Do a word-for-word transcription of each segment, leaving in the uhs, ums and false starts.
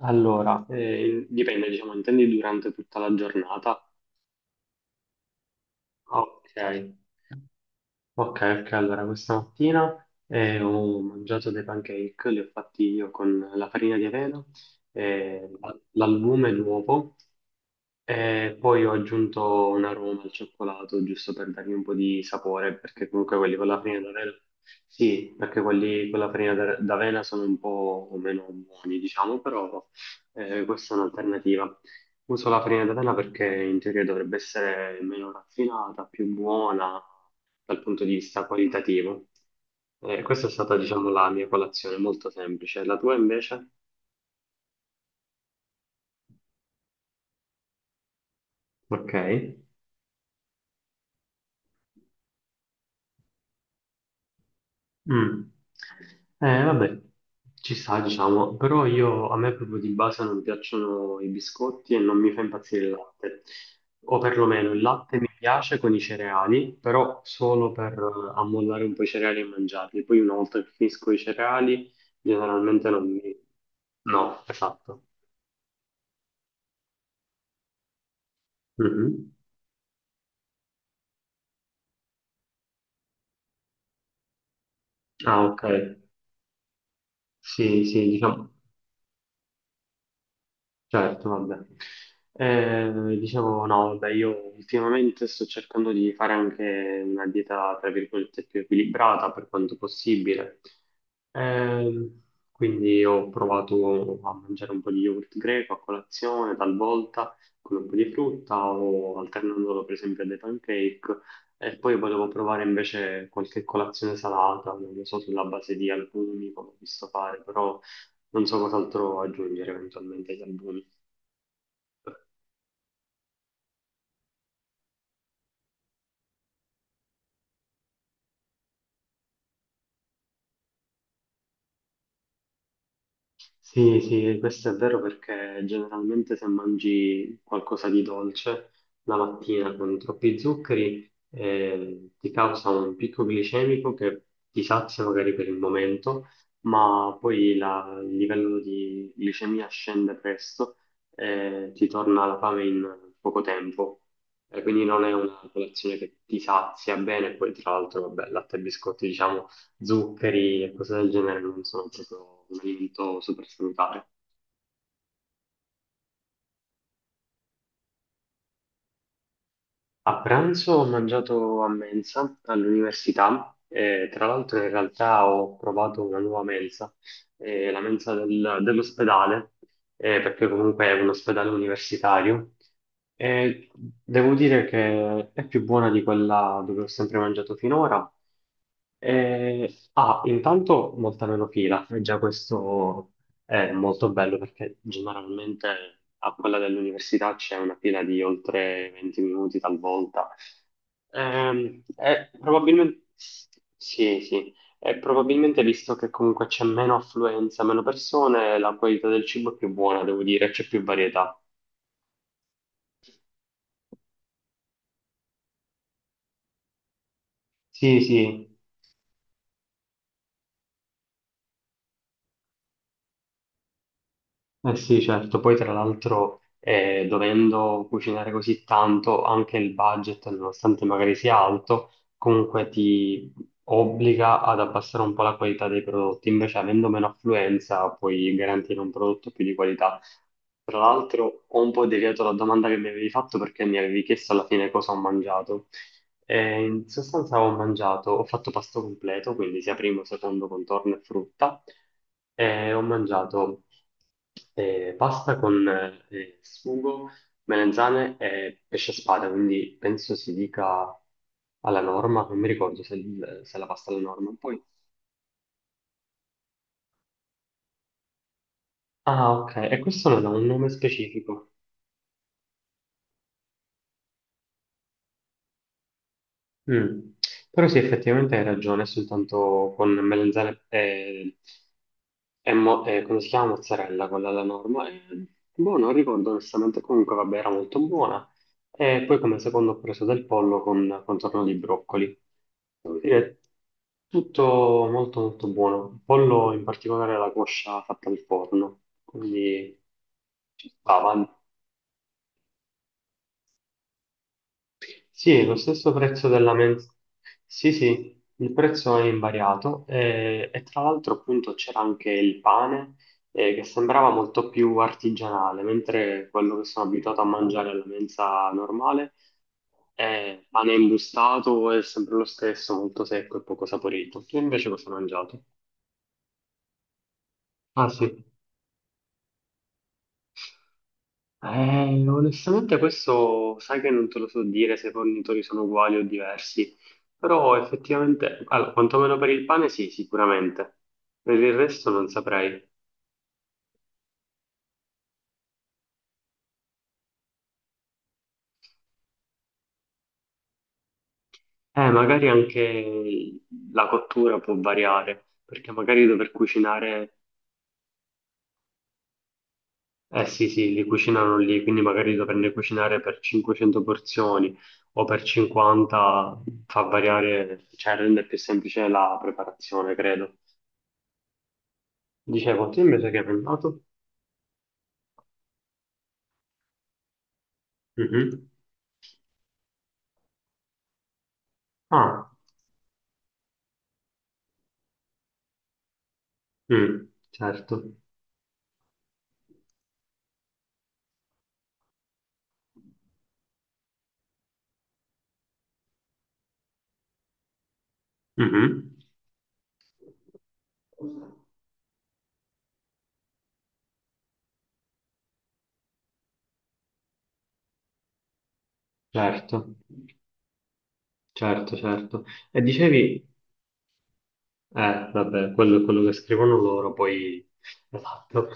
Allora, eh, in- dipende, diciamo, intendi durante tutta la giornata? Ok, ok, ok, allora questa mattina eh, ho mangiato dei pancake, li ho fatti io con la farina di avena, eh, l'albume e l'uovo. E poi ho aggiunto un aroma al cioccolato, giusto per dargli un po' di sapore, perché comunque quelli con la farina d'avena, sì, perché quelli con la farina d'are- d'avena sono un po' meno buoni, diciamo, però eh, questa è un'alternativa. Uso la farina d'avena perché in teoria dovrebbe essere meno raffinata, più buona dal punto di vista qualitativo. Eh, questa è stata, diciamo, la mia colazione, molto semplice. La tua invece? Ok. Mm. Eh, vabbè, ci sta, diciamo, però io a me proprio di base non piacciono i biscotti e non mi fa impazzire il latte, o perlomeno il latte mi piace con i cereali, però solo per eh, ammollare un po' i cereali e mangiarli. Poi una volta che finisco i cereali, generalmente non mi... No, esatto. Mhm. Ah, ok. Sì, sì, diciamo. Certo, vabbè. Eh, dicevo, no, vabbè, io ultimamente sto cercando di fare anche una dieta, tra virgolette, più equilibrata per quanto possibile. Ehm, quindi ho provato a mangiare un po' di yogurt greco a colazione, talvolta con un po' di frutta o alternandolo per esempio alle pancake. E poi volevo provare invece qualche colazione salata, non lo so, sulla base di albumi, come ho visto fare, però non so cos'altro aggiungere eventualmente agli albumi. Sì, sì, questo è vero perché generalmente se mangi qualcosa di dolce la mattina con troppi zuccheri eh, ti causa un picco glicemico che ti sazia magari per il momento, ma poi la- il livello di glicemia scende presto e ti torna la fame in poco tempo. E quindi non è una colazione che ti sazia bene, poi tra l'altro, vabbè, latte e biscotti, diciamo, zuccheri e cose del genere non sono proprio un alimento super salutare. A pranzo ho mangiato a mensa all'università e tra l'altro in realtà ho provato una nuova mensa, eh, la mensa del- dell'ospedale, eh, perché comunque è un ospedale universitario. E devo dire che è più buona di quella dove ho sempre mangiato finora. Eh, ah, intanto molta meno fila, e già questo è molto bello perché generalmente a quella dell'università c'è una fila di oltre venti minuti talvolta. Ehm, è probabilmente, sì, sì, è probabilmente visto che comunque c'è meno affluenza, meno persone, la qualità del cibo è più buona, devo dire, c'è più varietà. Sì, sì. Eh sì, certo, poi tra l'altro eh, dovendo cucinare così tanto, anche il budget, nonostante magari sia alto, comunque ti obbliga ad abbassare un po' la qualità dei prodotti, invece avendo meno affluenza puoi garantire un prodotto più di qualità. Tra l'altro ho un po' deviato la domanda che mi avevi fatto perché mi avevi chiesto alla fine cosa ho mangiato. E in sostanza ho mangiato, ho fatto pasto completo, quindi sia primo, secondo, contorno e frutta. E ho mangiato eh, pasta con eh, sugo, melanzane e pesce spada, quindi penso si dica alla norma, non mi ricordo se, il- se la pasta alla norma. Poi... Ah, ok, e questo non ha un nome specifico. Mm. Però sì, effettivamente hai ragione, soltanto con melanzane e, e mo- e come si chiama mozzarella, quella alla norma. E, boh, non ricordo onestamente, comunque vabbè, era molto buona. E poi come secondo ho preso del pollo con contorno di broccoli. Devo dire, tutto molto molto buono. Il pollo in particolare la coscia fatta al forno, quindi ci stava. Sì, è lo stesso prezzo della mensa. Sì, sì, il prezzo è invariato, eh, e, tra l'altro appunto c'era anche il pane eh, che sembrava molto più artigianale, mentre quello che sono abituato a mangiare alla mensa normale è pane imbustato, è sempre lo stesso, molto secco e poco saporito. Tu invece cosa hai mangiato? Ah, sì. Eh, onestamente questo sai che non te lo so dire se i fornitori sono uguali o diversi, però effettivamente, allora, quantomeno per il pane sì, sicuramente, per il resto non saprei. Eh, magari anche la cottura può variare, perché magari dover cucinare, eh, sì, sì, li cucinano lì, quindi magari doverne cucinare per cinquecento porzioni o per cinquanta fa variare, cioè rende più semplice la preparazione, credo. Dicevo, tu invece che hai pensato? Mhm. Ah, mm, certo. Mhm. Certo, certo, certo. E dicevi, eh, vabbè, quello è quello che scrivono loro, poi, esatto.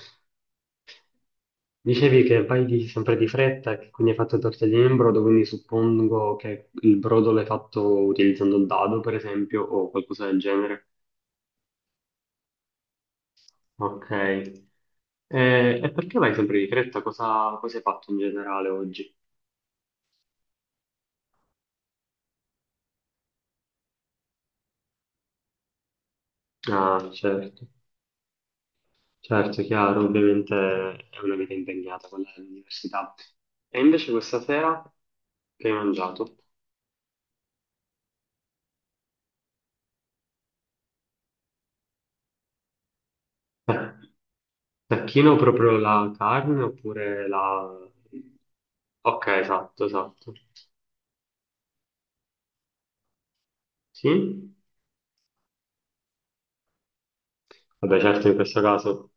Dicevi che vai di- sempre di fretta, che quindi hai fatto tortellini in brodo, quindi suppongo che il brodo l'hai fatto utilizzando il dado, per esempio, o qualcosa del genere. Ok. E, e perché vai sempre di fretta? Cosa, cosa hai fatto in generale oggi? Ah, certo. Certo, chiaro, ovviamente è una vita impegnata quella dell'università. E invece questa sera che hai mangiato? Eh, tacchino proprio la carne oppure la... Ok, esatto, esatto. Sì? Vabbè, certo, in questo caso...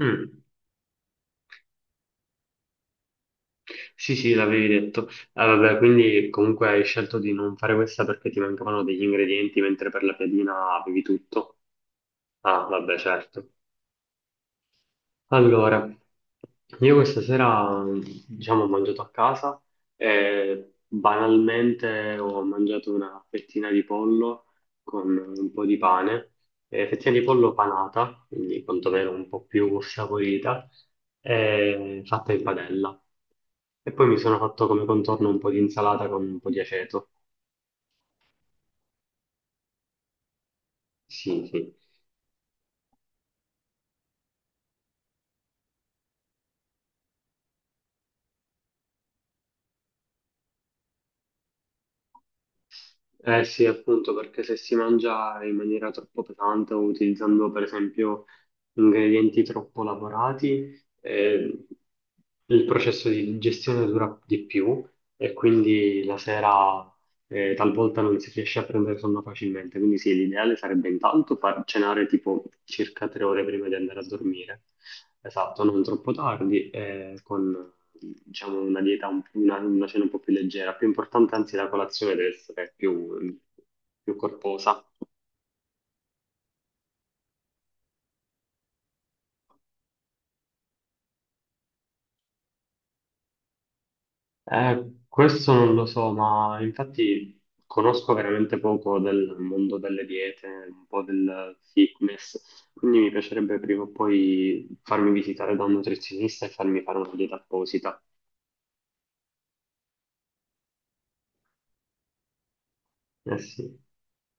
Mm. Sì, sì, l'avevi detto. Ah, vabbè, quindi comunque hai scelto di non fare questa perché ti mancavano degli ingredienti, mentre per la piadina avevi tutto. Ah, vabbè, certo. Allora, io questa sera, diciamo, ho mangiato a casa e banalmente ho mangiato una fettina di pollo con un po' di pane, eh, fettina di pollo panata, quindi quantomeno un po' più saporita, eh, fatta in padella. E poi mi sono fatto come contorno un po' di insalata con un po' di aceto. Sì, sì. Eh sì, appunto, perché se si mangia in maniera troppo pesante o utilizzando per esempio ingredienti troppo lavorati, eh, il processo di digestione dura di più e quindi la sera eh, talvolta non si riesce a prendere sonno facilmente, quindi sì, l'ideale sarebbe intanto far cenare tipo circa tre ore prima di andare a dormire, esatto, non troppo tardi, eh, con diciamo una dieta, un- una, una cena un po' più leggera, più importante anzi la colazione deve essere più più corposa. Eh, questo non lo so, ma infatti conosco veramente poco del mondo delle diete, un po' del fitness, quindi mi piacerebbe prima o poi farmi visitare da un nutrizionista e farmi fare una dieta apposita. Eh sì.